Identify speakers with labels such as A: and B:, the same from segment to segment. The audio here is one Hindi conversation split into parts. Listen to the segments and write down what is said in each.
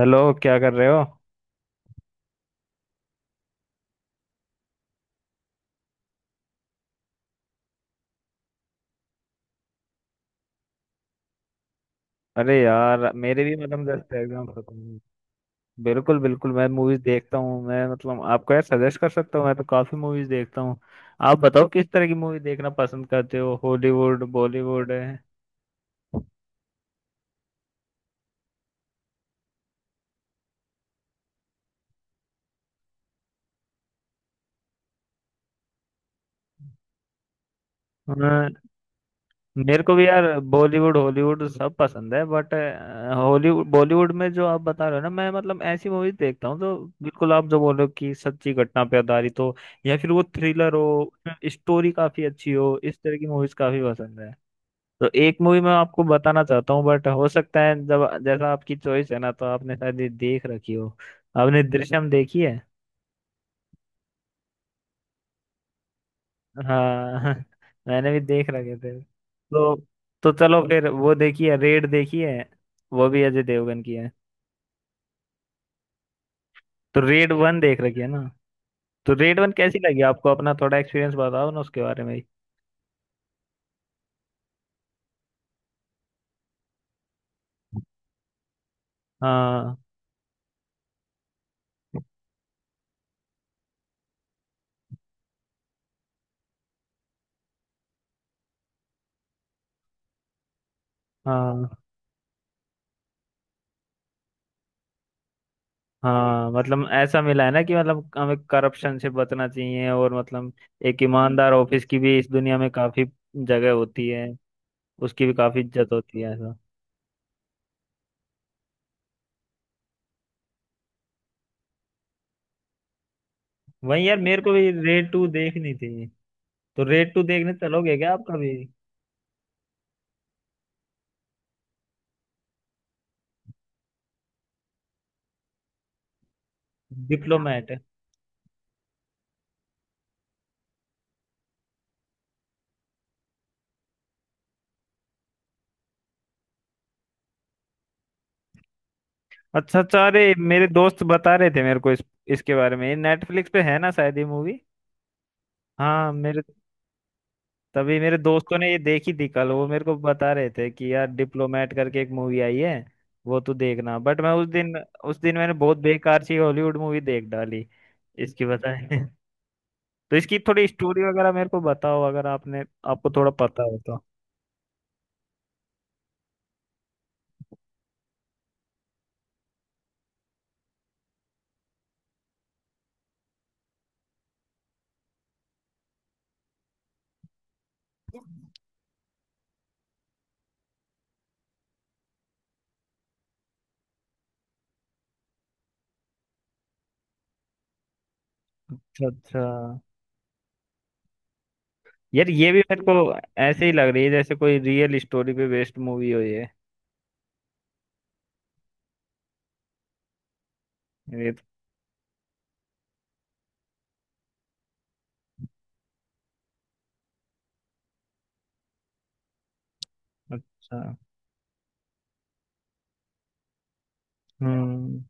A: हेलो, क्या कर रहे हो? अरे यार, मेरे भी मतलब जस्ट एग्जाम खत्म हुए। बिल्कुल बिल्कुल, मैं मूवीज देखता हूँ। मैं मतलब आपको यार सजेस्ट कर सकता हूँ। मैं तो काफी मूवीज देखता हूँ। आप बताओ, किस तरह की मूवी देखना पसंद करते हो? हॉलीवुड बॉलीवुड है। हाँ, मेरे को भी यार बॉलीवुड हॉलीवुड सब पसंद है, बट हॉलीवुड बॉलीवुड में जो आप बता रहे हो ना, मैं मतलब ऐसी मूवीज देखता हूँ। तो बिल्कुल, आप जो बोलो कि सच्ची घटना पे आधारित हो, या फिर वो थ्रिलर हो, स्टोरी काफी अच्छी हो, इस तरह की मूवीज काफी पसंद है। तो एक मूवी मैं आपको बताना चाहता हूँ, बट हो सकता है जब जैसा आपकी चॉइस है ना, तो आपने शायद ये देख रखी हो। आपने दृश्यम देखी है? हाँ, मैंने भी देख रखे थे तो। तो चलो फिर, वो देखिए, रेड देखिए। वो भी अजय देवगन की है। तो रेड वन देख रखी है ना? तो रेड वन कैसी लगी आपको? अपना थोड़ा एक्सपीरियंस बताओ ना उसके बारे में। हाँ, हाँ, हाँ। मतलब ऐसा मिला है ना कि मतलब हमें करप्शन से बचना चाहिए, और मतलब एक ईमानदार ऑफिस की भी इस दुनिया में काफी जगह होती है, उसकी भी काफी इज्जत होती है, ऐसा। वही यार, मेरे को भी रेड टू देखनी थी। तो रेड टू देखने चलोगे क्या? आपका भी। डिप्लोमेट? अच्छा अच्छा, अरे मेरे दोस्त बता रहे थे मेरे को इस इसके बारे में। नेटफ्लिक्स पे है ना शायद ये मूवी? हाँ, मेरे तभी मेरे दोस्तों ने ये देखी थी। कल वो मेरे को बता रहे थे कि यार डिप्लोमेट करके एक मूवी आई है। वो तू देखना, बट मैं उस दिन मैंने बहुत बेकार सी हॉलीवुड मूवी देख डाली। इसकी बताए। तो इसकी थोड़ी स्टोरी वगैरह मेरे को बताओ, अगर आपने आपको थोड़ा पता हो तो। अच्छा अच्छा। यार ये भी मेरे को ऐसे ही लग रही है, जैसे कोई रियल स्टोरी पे बेस्ड मूवी हो ये। ये तो- अच्छा। हम्म,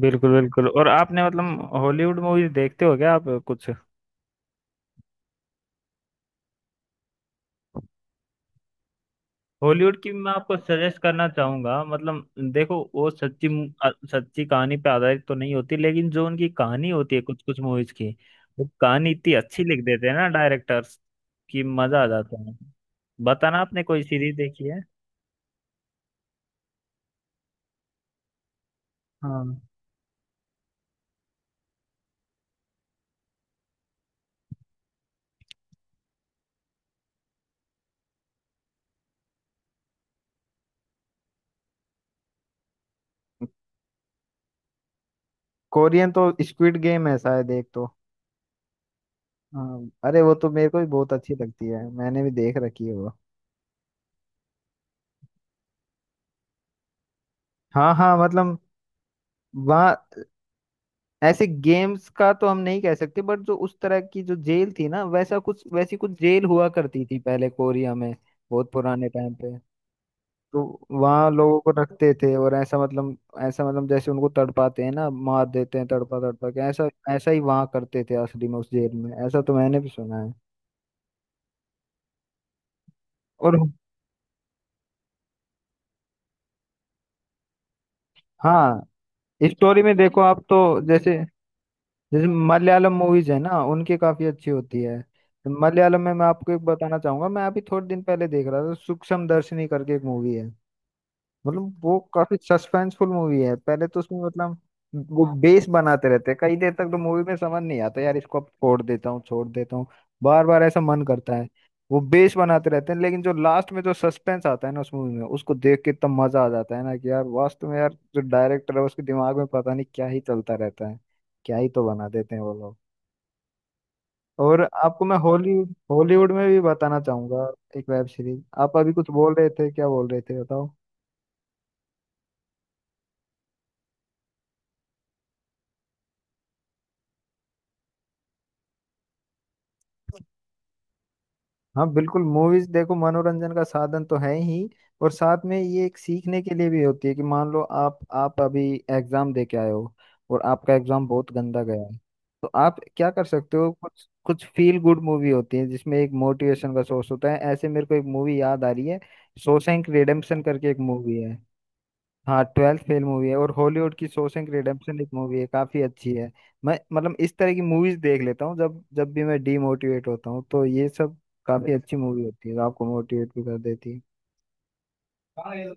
A: बिल्कुल बिल्कुल। और आपने मतलब हॉलीवुड मूवीज देखते हो क्या? आप कुछ हॉलीवुड की मैं आपको सजेस्ट करना चाहूंगा। मतलब देखो, वो सच्ची सच्ची कहानी पे आधारित तो नहीं होती, लेकिन जो उनकी कहानी होती है कुछ कुछ मूवीज की, वो कहानी इतनी अच्छी लिख देते हैं ना डायरेक्टर्स, कि मजा आ जाता है। बताना, आपने कोई सीरीज देखी है? हाँ, कोरियन तो स्क्विड गेम है शायद, एक तो। हाँ, अरे वो तो मेरे को भी बहुत अच्छी लगती है। मैंने भी देख रखी है वो। हाँ हाँ, मतलब वहाँ ऐसे गेम्स का तो हम नहीं कह सकते, बट जो उस तरह की जो जेल थी ना, वैसा कुछ वैसी कुछ जेल हुआ करती थी पहले कोरिया में, बहुत पुराने टाइम पे। तो वहाँ लोगों को रखते थे, और ऐसा मतलब जैसे उनको तड़पाते हैं ना, मार देते हैं तड़पा तड़पा के ऐसा। ऐसा ही वहाँ करते थे असली में, उस जेल में। ऐसा तो मैंने भी सुना है। और हाँ, स्टोरी में देखो आप, तो जैसे जैसे मलयालम मूवीज है ना, उनकी काफी अच्छी होती है। मलयालम में मैं आपको एक बताना चाहूंगा। मैं अभी थोड़े दिन पहले देख रहा था, सूक्ष्म दर्शनी करके एक मूवी है। मतलब वो काफी सस्पेंसफुल मूवी है, पहले तो उसमें मतलब वो बेस बनाते रहते हैं कई देर तक, तो मूवी में समझ नहीं आता, यार इसको अब छोड़ देता हूँ, छोड़ देता हूँ, बार बार ऐसा मन करता है। वो बेस बनाते रहते हैं, लेकिन जो लास्ट में जो सस्पेंस आता है ना उस मूवी में, उसको देख के इतना मजा आ जाता है ना, कि यार वास्तव में यार जो डायरेक्टर है उसके दिमाग में पता नहीं क्या ही चलता रहता है। क्या ही तो बना देते हैं वो लोग। और आपको मैं हॉलीवुड, हॉलीवुड में भी बताना चाहूंगा, एक वेब सीरीज। आप अभी कुछ बोल रहे थे, क्या बोल रहे थे बताओ? हाँ बिल्कुल, मूवीज देखो, मनोरंजन का साधन तो है ही, और साथ में ये एक सीखने के लिए भी होती है। कि मान लो आप अभी एग्जाम दे के आए हो, और आपका एग्जाम बहुत गंदा गया है, तो आप क्या कर सकते हो? कुछ कुछ फील गुड मूवी होती है, जिसमें एक मोटिवेशन का सोर्स होता है, ऐसे मेरे को एक मूवी याद आ रही है। शॉशैंक रिडेम्पशन करके एक मूवी है। हाँ, ट्वेल्थ फेल मूवी है, और हॉलीवुड की शॉशैंक रिडेम्पशन एक मूवी है, काफी अच्छी है। मैं मतलब इस तरह की मूवीज देख लेता हूँ, जब जब भी मैं डीमोटिवेट होता हूँ, तो ये सब काफी अच्छी मूवी होती है, आपको मोटिवेट भी कर देती है। मेरे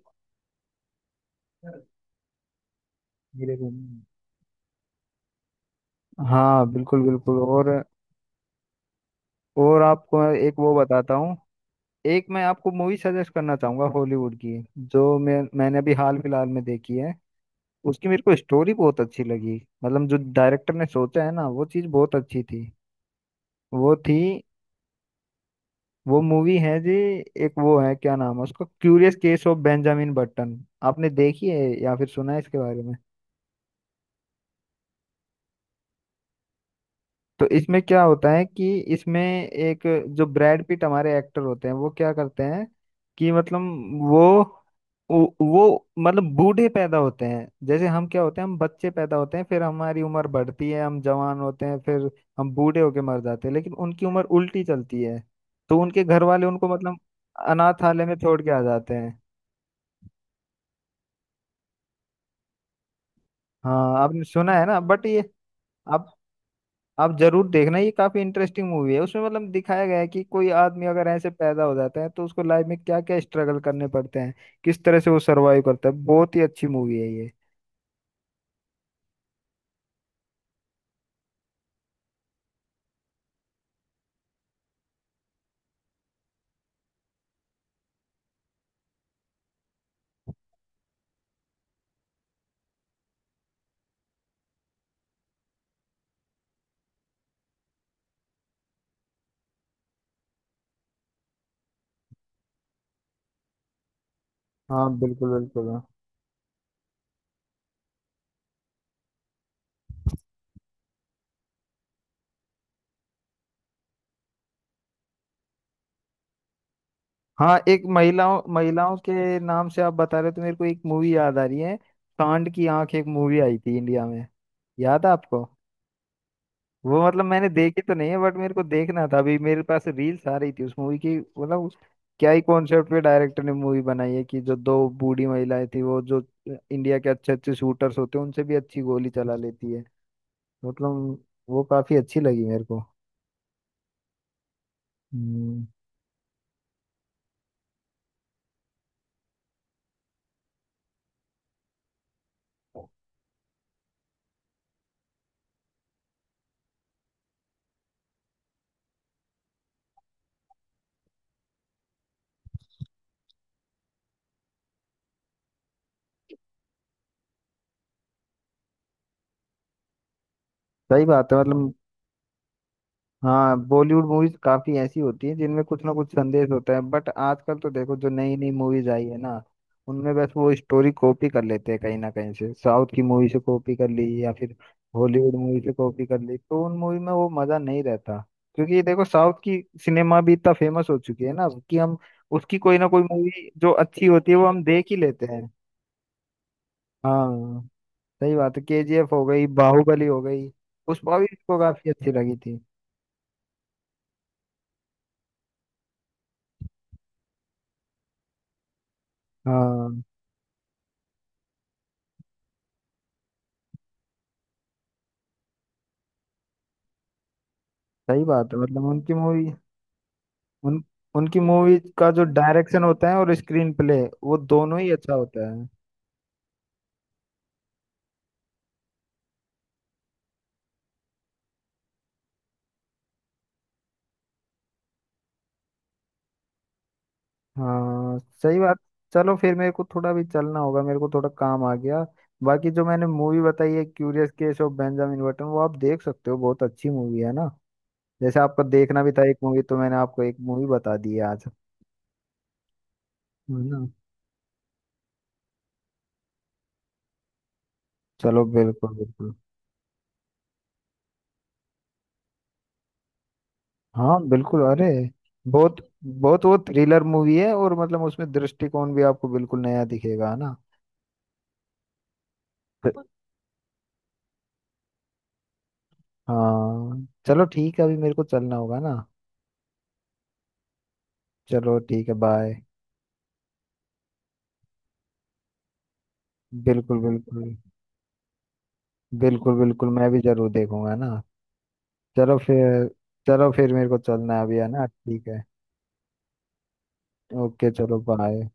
A: को नहीं। हाँ बिल्कुल बिल्कुल, और आपको मैं एक वो बताता हूँ। एक मैं आपको मूवी सजेस्ट करना चाहूंगा हॉलीवुड की, जो मैंने अभी हाल फिलहाल में देखी है। उसकी मेरे को स्टोरी बहुत अच्छी लगी, मतलब जो डायरेक्टर ने सोचा है ना, वो चीज़ बहुत अच्छी थी। वो थी, वो मूवी है जी, एक वो है, क्या नाम है उसका, curious case of Benjamin Button. आपने देखी है या फिर सुना है इसके बारे में? तो इसमें क्या होता है कि इसमें एक, जो ब्रैड पिट हमारे एक्टर होते हैं, वो क्या करते हैं, कि मतलब वो वो मतलब बूढ़े पैदा होते हैं, जैसे हम क्या होते हैं, हम बच्चे पैदा होते हैं, फिर हमारी उम्र बढ़ती है, हम जवान होते हैं, फिर हम बूढ़े होके मर जाते हैं, लेकिन उनकी उम्र उल्टी चलती है। तो उनके घर वाले उनको मतलब अनाथालय में छोड़ के आ जाते हैं। हाँ, आपने सुना है ना, बट ये आप आप जरूर देखना। ये काफी इंटरेस्टिंग मूवी है, उसमें मतलब दिखाया गया है कि कोई आदमी अगर ऐसे पैदा हो जाता है, तो उसको लाइफ में क्या क्या स्ट्रगल करने पड़ते हैं, किस तरह से वो सरवाइव करता है। बहुत ही अच्छी मूवी है ये। हाँ बिल्कुल बिल्कुल। हाँ, एक महिलाओं, महिलाओं के नाम से आप बता रहे हो, तो मेरे को एक मूवी याद आ रही है। सांड की आंख एक मूवी आई थी इंडिया में, याद है आपको? वो मतलब मैंने देखी तो नहीं है, बट मेरे को देखना था। अभी मेरे पास रील्स आ रही थी उस मूवी की, मतलब क्या ही कॉन्सेप्ट पे डायरेक्टर ने मूवी बनाई है, कि जो दो बूढ़ी महिलाएं थी, वो जो इंडिया के अच्छे अच्छे शूटर्स होते हैं, उनसे भी अच्छी गोली चला लेती है। मतलब वो काफी अच्छी लगी मेरे को। हम्म, सही बात है मतलब। हाँ, बॉलीवुड मूवीज काफी ऐसी होती हैं जिनमें कुछ ना कुछ संदेश होता है, बट आजकल तो देखो जो नई नई मूवीज आई है ना, उनमें बस वो स्टोरी कॉपी कर लेते हैं, कहीं ना कहीं से साउथ की मूवी से कॉपी कर ली, या फिर हॉलीवुड मूवी से कॉपी कर ली, तो उन मूवी में वो मजा नहीं रहता। क्योंकि ये देखो, साउथ की सिनेमा भी इतना फेमस हो चुकी है ना, कि हम उसकी कोई ना कोई मूवी जो अच्छी होती है, वो हम देख ही लेते हैं। हाँ सही बात है, केजीएफ हो गई, बाहुबली हो गई, पुष्पा भी इसको काफी अच्छी लगी थी। हाँ सही बात है, मतलब उनकी मूवी, उन उनकी मूवी का जो डायरेक्शन होता है और स्क्रीन प्ले, वो दोनों ही अच्छा होता है। हाँ सही बात। चलो फिर, मेरे को थोड़ा भी चलना होगा, मेरे को थोड़ा काम आ गया। बाकी जो मैंने मूवी बताई है curious case of Benjamin Button, वो आप देख सकते हो, बहुत अच्छी मूवी है ना। जैसे आपका देखना भी था एक मूवी, तो मैंने आपको एक मूवी बता दी है आज, है ना। चलो, बिल्कुल बिल्कुल। हाँ बिल्कुल, अरे बहुत बहुत वो थ्रिलर मूवी है, और मतलब उसमें दृष्टिकोण भी आपको बिल्कुल नया दिखेगा, है ना। हाँ चलो ठीक है, अभी मेरे को चलना होगा ना। चलो ठीक है, बाय। बिल्कुल बिल्कुल, बिल्कुल बिल्कुल, मैं भी जरूर देखूंगा ना। चलो फिर, चलो फिर, मेरे को चलना है अभी, है ना, ठीक है। ओके चलो, बाय।